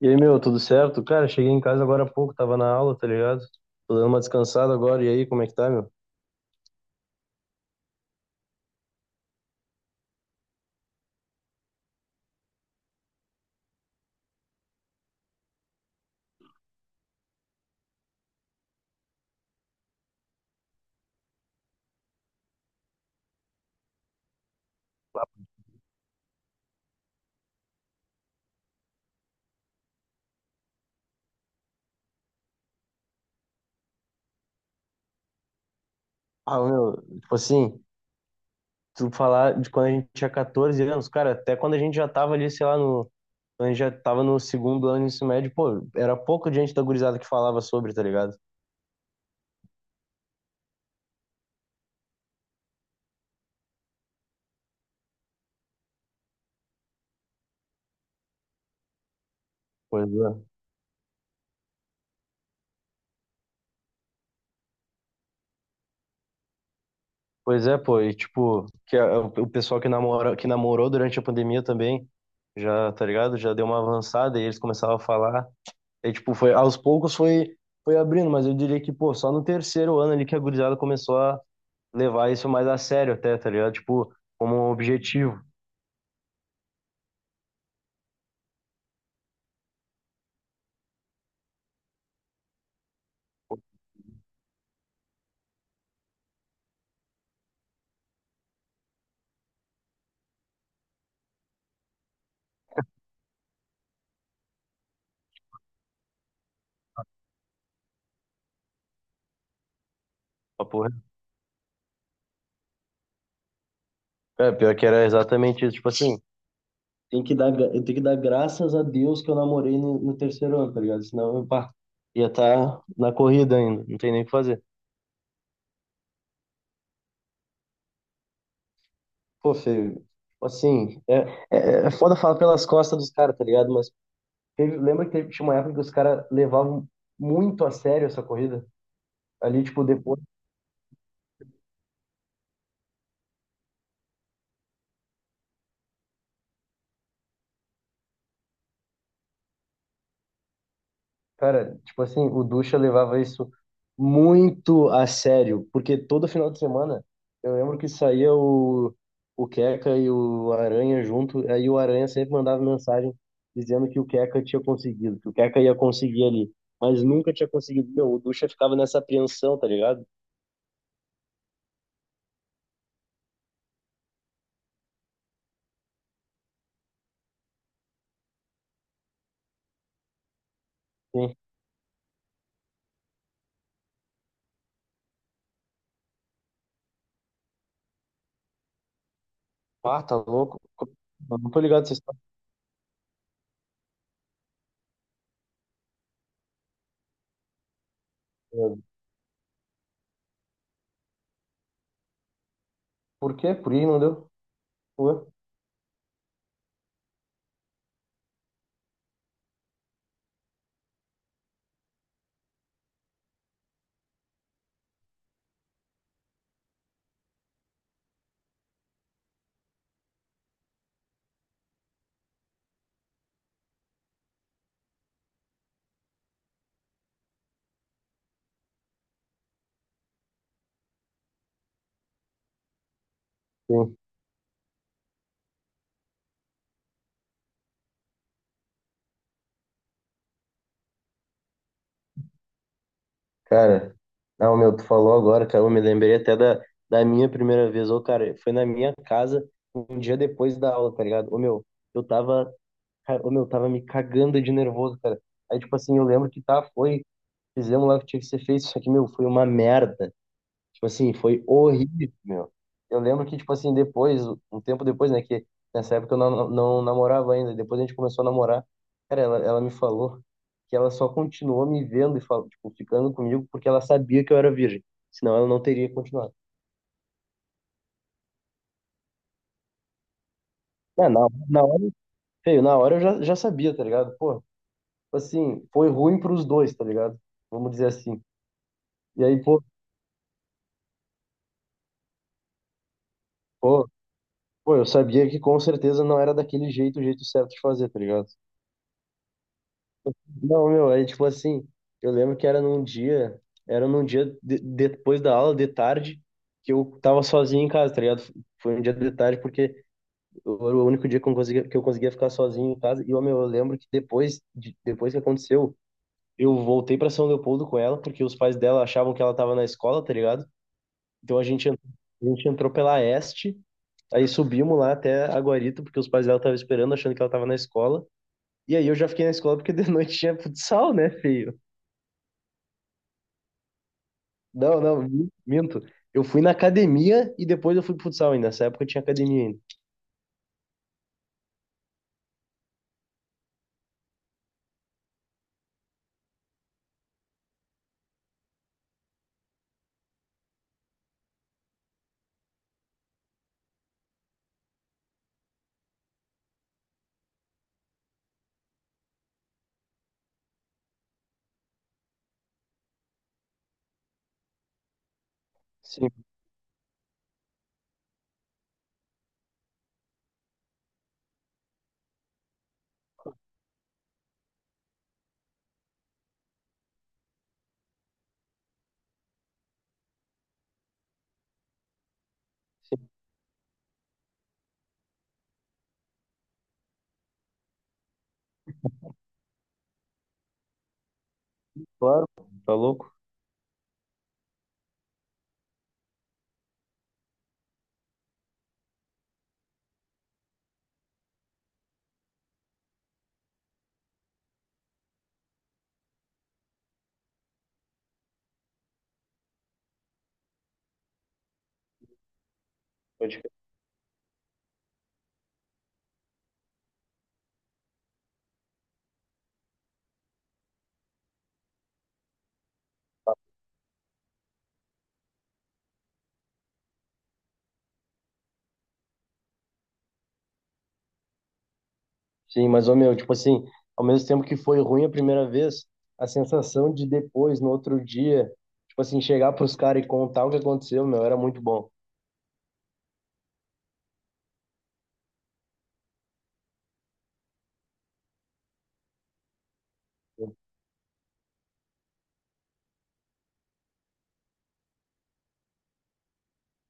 E aí, meu, tudo certo? Cara, cheguei em casa agora há pouco, tava na aula, tá ligado? Tô dando uma descansada agora, e aí, como é que tá, meu? Ah, meu, tipo assim, tu falar de quando a gente tinha 14 anos, cara, até quando a gente já tava ali, sei lá, no, quando a gente já tava no segundo ano do ensino médio, pô, era pouco gente da gurizada que falava sobre, tá ligado? Pois é. Pois é, pô, e tipo, o pessoal que namora, que namorou durante a pandemia também, já, tá ligado? Já deu uma avançada e eles começavam a falar. É, tipo, aos poucos foi, foi abrindo, mas eu diria que, pô, só no terceiro ano ali que a gurizada começou a levar isso mais a sério até, tá ligado? Tipo, como um objetivo. Papo reto. É, pior que era exatamente isso. Tipo assim, tem que dar, eu tenho que dar graças a Deus que eu namorei no terceiro ano, tá ligado? Senão eu, pá, ia estar na corrida ainda, não tem nem o que fazer. Pô, feio. Tipo assim, é foda falar pelas costas dos caras, tá ligado? Mas lembra que teve, tinha uma época que os caras levavam muito a sério essa corrida? Ali, tipo, depois. Cara, tipo assim, o Ducha levava isso muito a sério, porque todo final de semana eu lembro que saía o Queca e o Aranha junto, aí o Aranha sempre mandava mensagem dizendo que o Queca tinha conseguido, que o Queca ia conseguir ali, mas nunca tinha conseguido. Meu, o Ducha ficava nessa apreensão, tá ligado? Sim. Ah, tá louco. Eu não tô ligado se vocês estão. Por quê? Por que não deu? Ué? Sim. Cara, não, meu, tu falou agora, cara, eu me lembrei até da, da minha primeira vez. Ô, cara, foi na minha casa um dia depois da aula, tá ligado? Ô, meu, eu tava, cara, ô, meu, eu tava me cagando de nervoso, cara. Aí, tipo assim, eu lembro que tá, foi, fizemos lá o que tinha que ser feito, só que, meu, foi uma merda. Tipo assim, foi horrível, meu. Eu lembro que, tipo assim, depois, um tempo depois, né, que nessa época eu não namorava ainda, depois a gente começou a namorar, cara, ela me falou que ela só continuou me vendo e falou, tipo, ficando comigo porque ela sabia que eu era virgem, senão ela não teria continuado. É, na hora, feio, na hora eu já, já sabia, tá ligado? Pô, tipo assim, foi ruim pros dois, tá ligado? Vamos dizer assim. E aí, pô, pô, pô, eu sabia que com certeza não era daquele jeito, o jeito certo de fazer, tá ligado? Não, meu, aí tipo assim, eu lembro que era num dia, era num depois da aula, de tarde, que eu tava sozinho em casa, tá ligado? Foi um dia de tarde porque era o único dia que eu conseguia ficar sozinho em casa. E, ó, meu, eu lembro que depois, depois que aconteceu, eu voltei pra São Leopoldo com ela, porque os pais dela achavam que ela tava na escola, tá ligado? Então a gente, a gente entrou pela Este, aí subimos lá até Aguarito, porque os pais dela estavam esperando, achando que ela tava na escola. E aí eu já fiquei na escola porque de noite tinha futsal, né, filho? Não, não, minto. Eu fui na academia e depois eu fui pro futsal ainda. Nessa época eu tinha academia ainda. Sim, sim, claro. Tá louco? Pode crer. Sim, mas, ô meu, tipo assim, ao mesmo tempo que foi ruim a primeira vez, a sensação de depois, no outro dia, tipo assim, chegar pros caras e contar o que aconteceu, meu, era muito bom.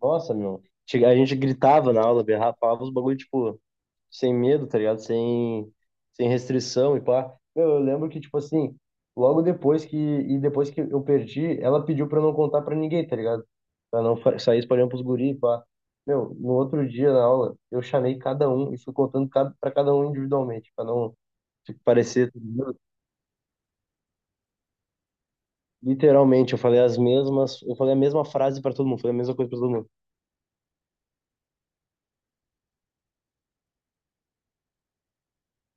Nossa, meu. A gente gritava na aula, berrava, falava os bagulho, tipo, sem medo, tá ligado? Sem restrição e pá. Meu, eu lembro que, tipo assim, logo depois que, e depois que eu perdi, ela pediu pra eu não contar pra ninguém, tá ligado? Pra não sair espalhando pros guri, e pá. Meu, no outro dia na aula, eu chamei cada um e fui contando cada, pra cada um individualmente, pra não, tipo, parecer. Tá ligado? Literalmente, eu falei as mesmas, eu falei a mesma frase pra todo mundo, falei a mesma coisa pra todo mundo.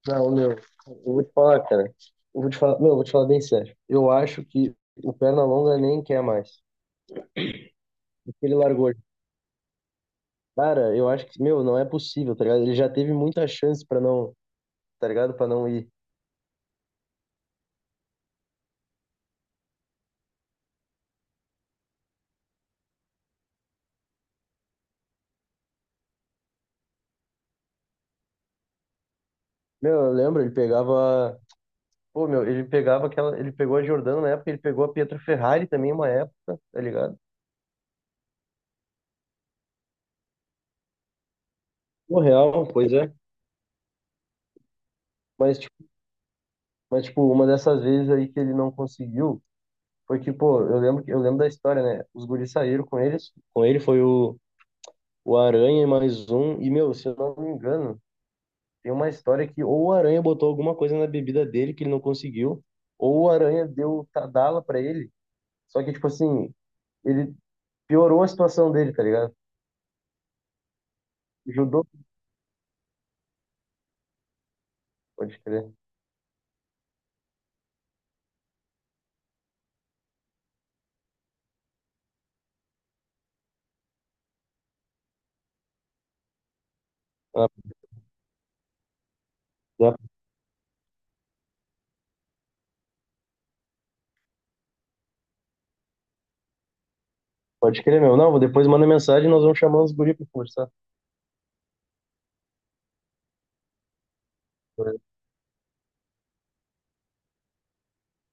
Não, meu, eu vou te falar, cara. Eu vou te falar, meu, eu vou te falar bem sério. Eu acho que o Pernalonga nem quer mais. Ele largou. Cara, eu acho que, meu, não é possível, tá ligado? Ele já teve muita chance pra não, tá ligado? Pra não ir. Meu, eu lembro, ele pegava. Pô, meu, ele pegava aquela. Ele pegou a Jordano na época, ele pegou a Pietro Ferrari também uma época, tá ligado? O real, pois é. Mas, tipo, mas, tipo, uma dessas vezes aí que ele não conseguiu, foi que, pô, eu lembro, eu lembro da história, né? Os guris saíram com eles, com ele foi o Aranha e mais um, e, meu, se eu não me engano, tem uma história que ou o Aranha botou alguma coisa na bebida dele que ele não conseguiu, ou o Aranha deu Tadala pra ele. Só que, tipo assim, ele piorou a situação dele, tá ligado? Ajudou, pode crer. Ah, dá- pode crer, meu. Não, depois manda mensagem e nós vamos chamar os guri pra conversar.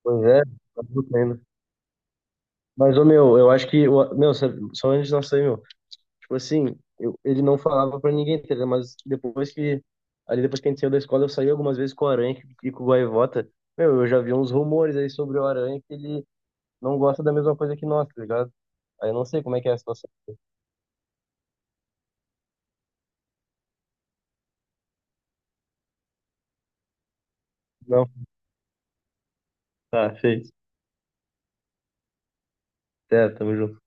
Pois é, tá tudo ainda. Mas, ô, meu, eu acho que. O- meu, sabe- só antes de nós sair, meu. Tipo assim, eu, ele não falava pra ninguém, tá ligado? Mas depois que. Ali depois que a gente saiu da escola, eu saí algumas vezes com o Aranha que- e com o Gaivota. Meu, eu já vi uns rumores aí sobre o Aranha que ele não gosta da mesma coisa que nós, tá ligado? Aí eu não sei como é que é a situação. Não, tá, feito. Certo, tamo junto.